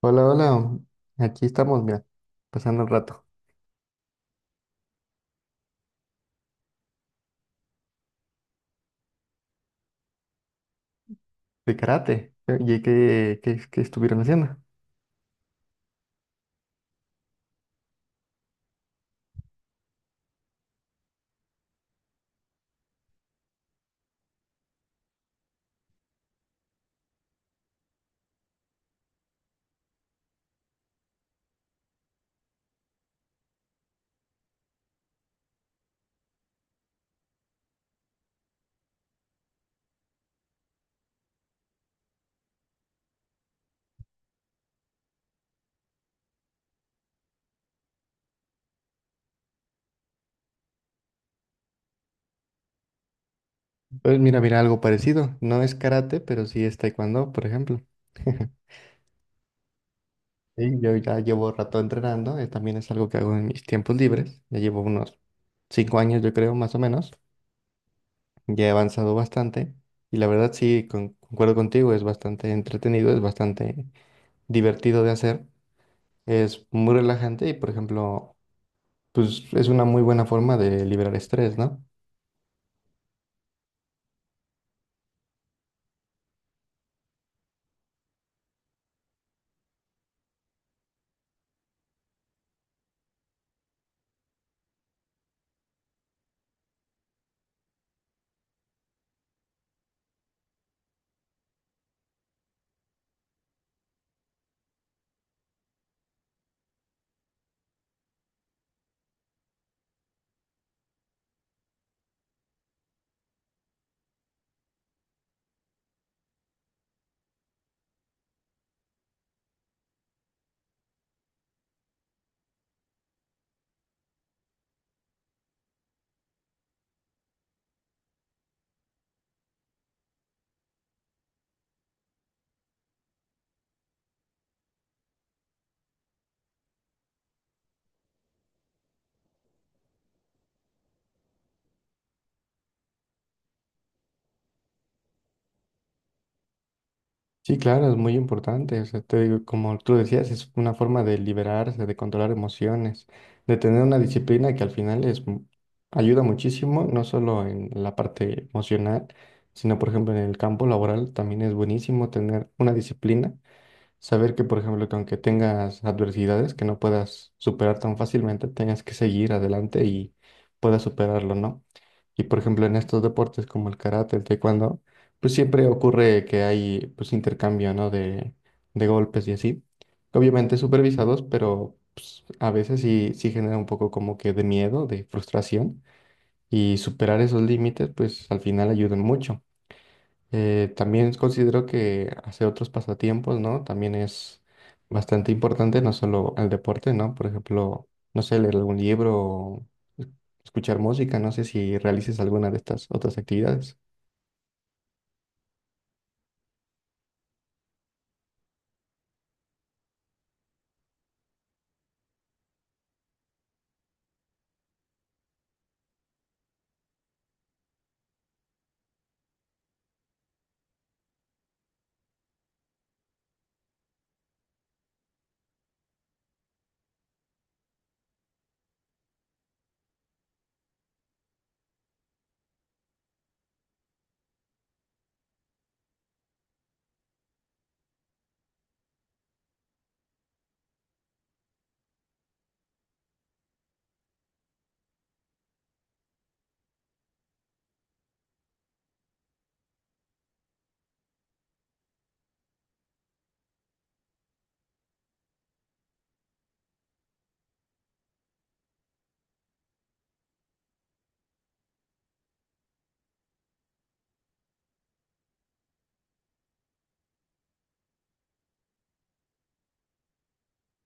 Hola, hola. Aquí estamos, mira, pasando el rato de karate. ¿Y qué estuvieron haciendo? Pues mira, algo parecido. No es karate, pero sí es taekwondo, por ejemplo. Sí, yo ya llevo rato entrenando. También es algo que hago en mis tiempos libres. Ya llevo unos 5 años, yo creo, más o menos. Ya he avanzado bastante. Y la verdad, sí, concuerdo contigo. Es bastante entretenido, es bastante divertido de hacer. Es muy relajante y, por ejemplo, pues es una muy buena forma de liberar estrés, ¿no? Sí, claro, es muy importante. O sea, te digo, como tú decías, es una forma de liberarse, de controlar emociones, de tener una disciplina que al final es, ayuda muchísimo, no solo en la parte emocional, sino por ejemplo en el campo laboral. También es buenísimo tener una disciplina. Saber que, por ejemplo, que aunque tengas adversidades que no puedas superar tan fácilmente, tengas que seguir adelante y puedas superarlo, ¿no? Y por ejemplo, en estos deportes como el karate, el taekwondo, pues siempre ocurre que hay pues intercambio, ¿no? De golpes y así. Obviamente supervisados, pero pues, a veces sí genera un poco como que de miedo, de frustración. Y superar esos límites, pues al final ayudan mucho. También considero que hacer otros pasatiempos, ¿no? También es bastante importante, no solo el deporte, ¿no? Por ejemplo, no sé, leer algún libro o es- escuchar música, no sé si realices alguna de estas otras actividades.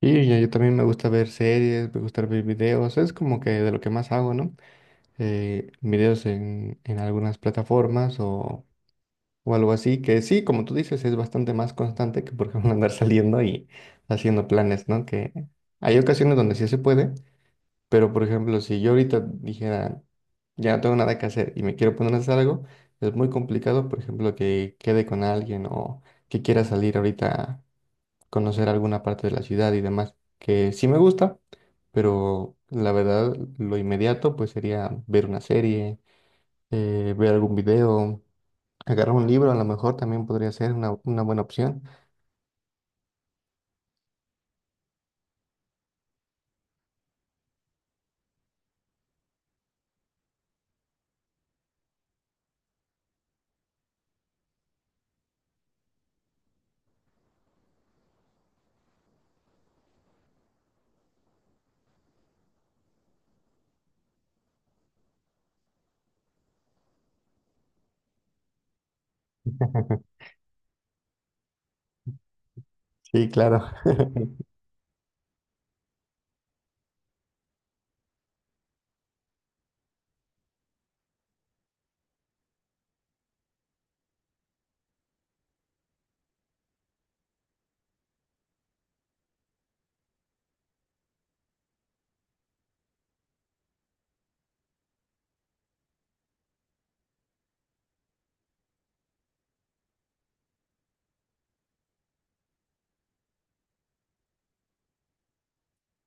Y yo también me gusta ver series, me gusta ver videos, es como que de lo que más hago, ¿no? Videos en algunas plataformas o algo así, que sí, como tú dices, es bastante más constante que, por ejemplo, andar saliendo y haciendo planes, ¿no? Que hay ocasiones donde sí se puede, pero, por ejemplo, si yo ahorita dijera, ya no tengo nada que hacer y me quiero poner a hacer algo, es muy complicado, por ejemplo, que quede con alguien o que quiera salir ahorita a conocer alguna parte de la ciudad y demás, que sí me gusta, pero la verdad, lo inmediato, pues sería ver una serie, ver algún video. Agarrar un libro a lo mejor también podría ser una buena opción. Sí, claro.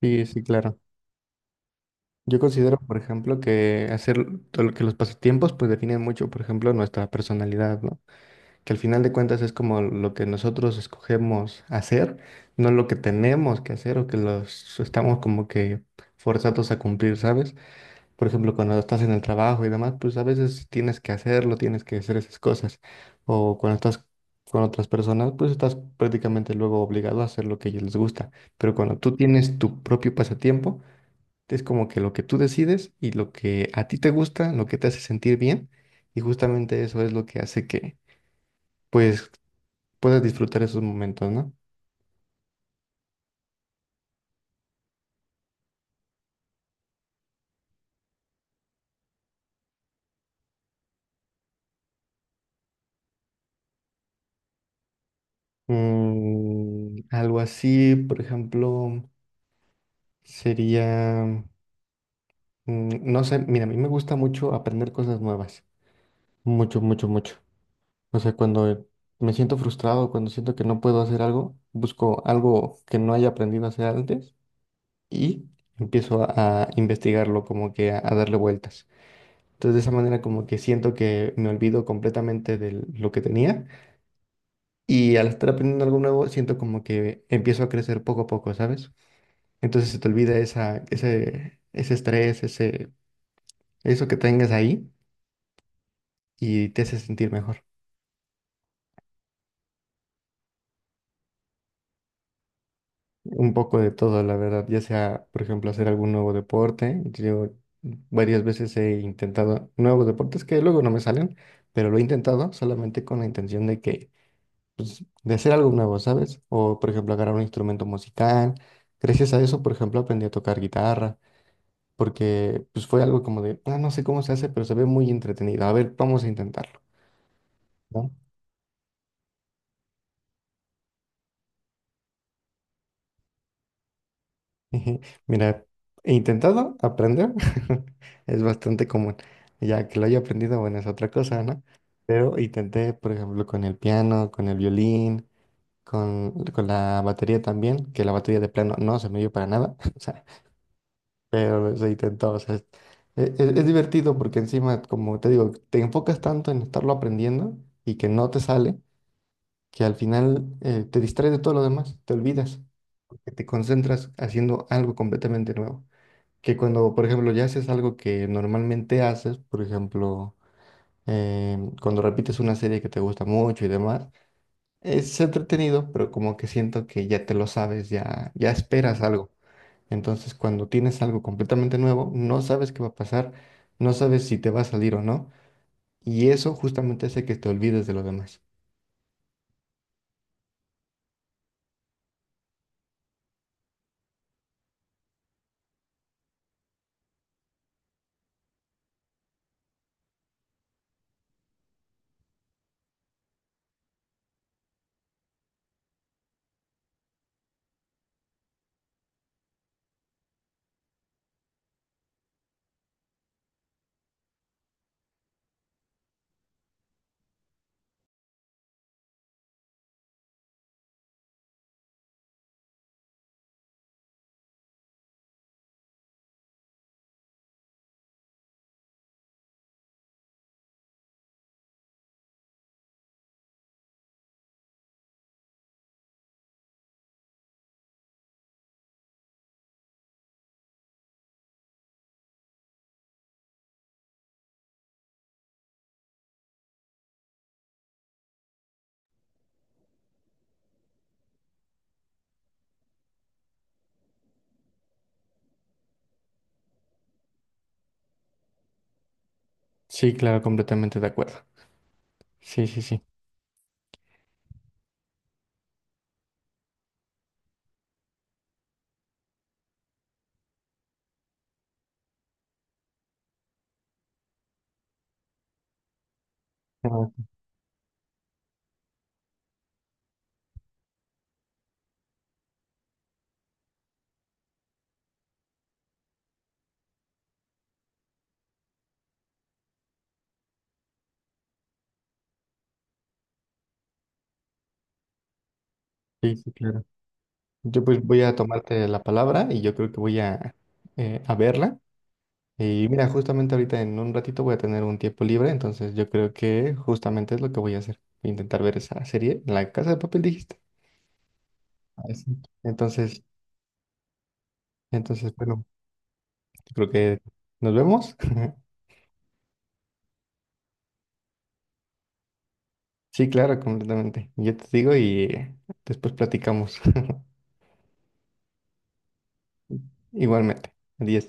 Sí, sí, claro. Yo considero, por ejemplo, que hacer todo lo que los pasatiempos pues definen mucho, por ejemplo, nuestra personalidad, ¿no? Que al final de cuentas es como lo que nosotros escogemos hacer, no lo que tenemos que hacer o que los estamos como que forzados a cumplir, ¿sabes? Por ejemplo, cuando estás en el trabajo y demás, pues a veces tienes que hacerlo, tienes que hacer esas cosas. O cuando estás con otras personas, pues estás prácticamente luego obligado a hacer lo que a ellos les gusta. Pero cuando tú tienes tu propio pasatiempo, es como que lo que tú decides y lo que a ti te gusta, lo que te hace sentir bien, y justamente eso es lo que hace que, pues, puedas disfrutar esos momentos, ¿no? Mm, algo así, por ejemplo, sería... Mm, no sé, mira, a mí me gusta mucho aprender cosas nuevas. Mucho, mucho, mucho. O sea, cuando me siento frustrado, cuando siento que no puedo hacer algo, busco algo que no haya aprendido a hacer antes y empiezo a investigarlo, como que a darle vueltas. Entonces, de esa manera, como que siento que me olvido completamente de lo que tenía y al estar aprendiendo algo nuevo, siento como que empiezo a crecer poco a poco, ¿sabes? Entonces, se te olvida ese estrés, ese, eso que tengas ahí y te hace sentir mejor. Un poco de todo, la verdad, ya sea, por ejemplo, hacer algún nuevo deporte. Yo varias veces he intentado nuevos deportes que luego no me salen, pero lo he intentado solamente con la intención de que, pues, de hacer algo nuevo, ¿sabes? O, por ejemplo, agarrar un instrumento musical. Gracias a eso, por ejemplo, aprendí a tocar guitarra, porque pues fue algo como de, ah, no sé cómo se hace, pero se ve muy entretenido. A ver, vamos a intentarlo, ¿no? Ujú. Mira, he intentado aprender, es bastante común. Ya que lo haya aprendido, bueno, es otra cosa, ¿no? Pero intenté, por ejemplo, con el piano, con el violín, con la batería también, que la batería de plano no se me dio para nada, o sea, pero se intentó, o sea, es, es divertido porque encima, como te digo, te enfocas tanto en estarlo aprendiendo y que no te sale, que al final te distraes de todo lo demás, te olvidas, porque te concentras haciendo algo completamente nuevo. Que cuando, por ejemplo, ya haces algo que normalmente haces, por ejemplo, em, cuando repites una serie que te gusta mucho y demás, es entretenido, pero como que siento que ya te lo sabes, ya esperas algo. Entonces, cuando tienes algo completamente nuevo, no sabes qué va a pasar, no sabes si te va a salir o no, y eso justamente hace que te olvides de lo demás. Sí, claro, completamente de acuerdo. Sí, sí, sí. Ah, sí, sí, claro. Yo pues voy a tomarte la palabra y yo creo que voy a verla. Y mira, justamente ahorita en un ratito voy a tener un tiempo libre, entonces yo creo que justamente es lo que voy a hacer. Intentar ver esa serie, La Casa de Papel, dijiste. Ah, sí. Entonces, entonces, bueno, yo creo que nos vemos. Sí, claro, completamente. Yo te digo y después platicamos. Igualmente. Adiós.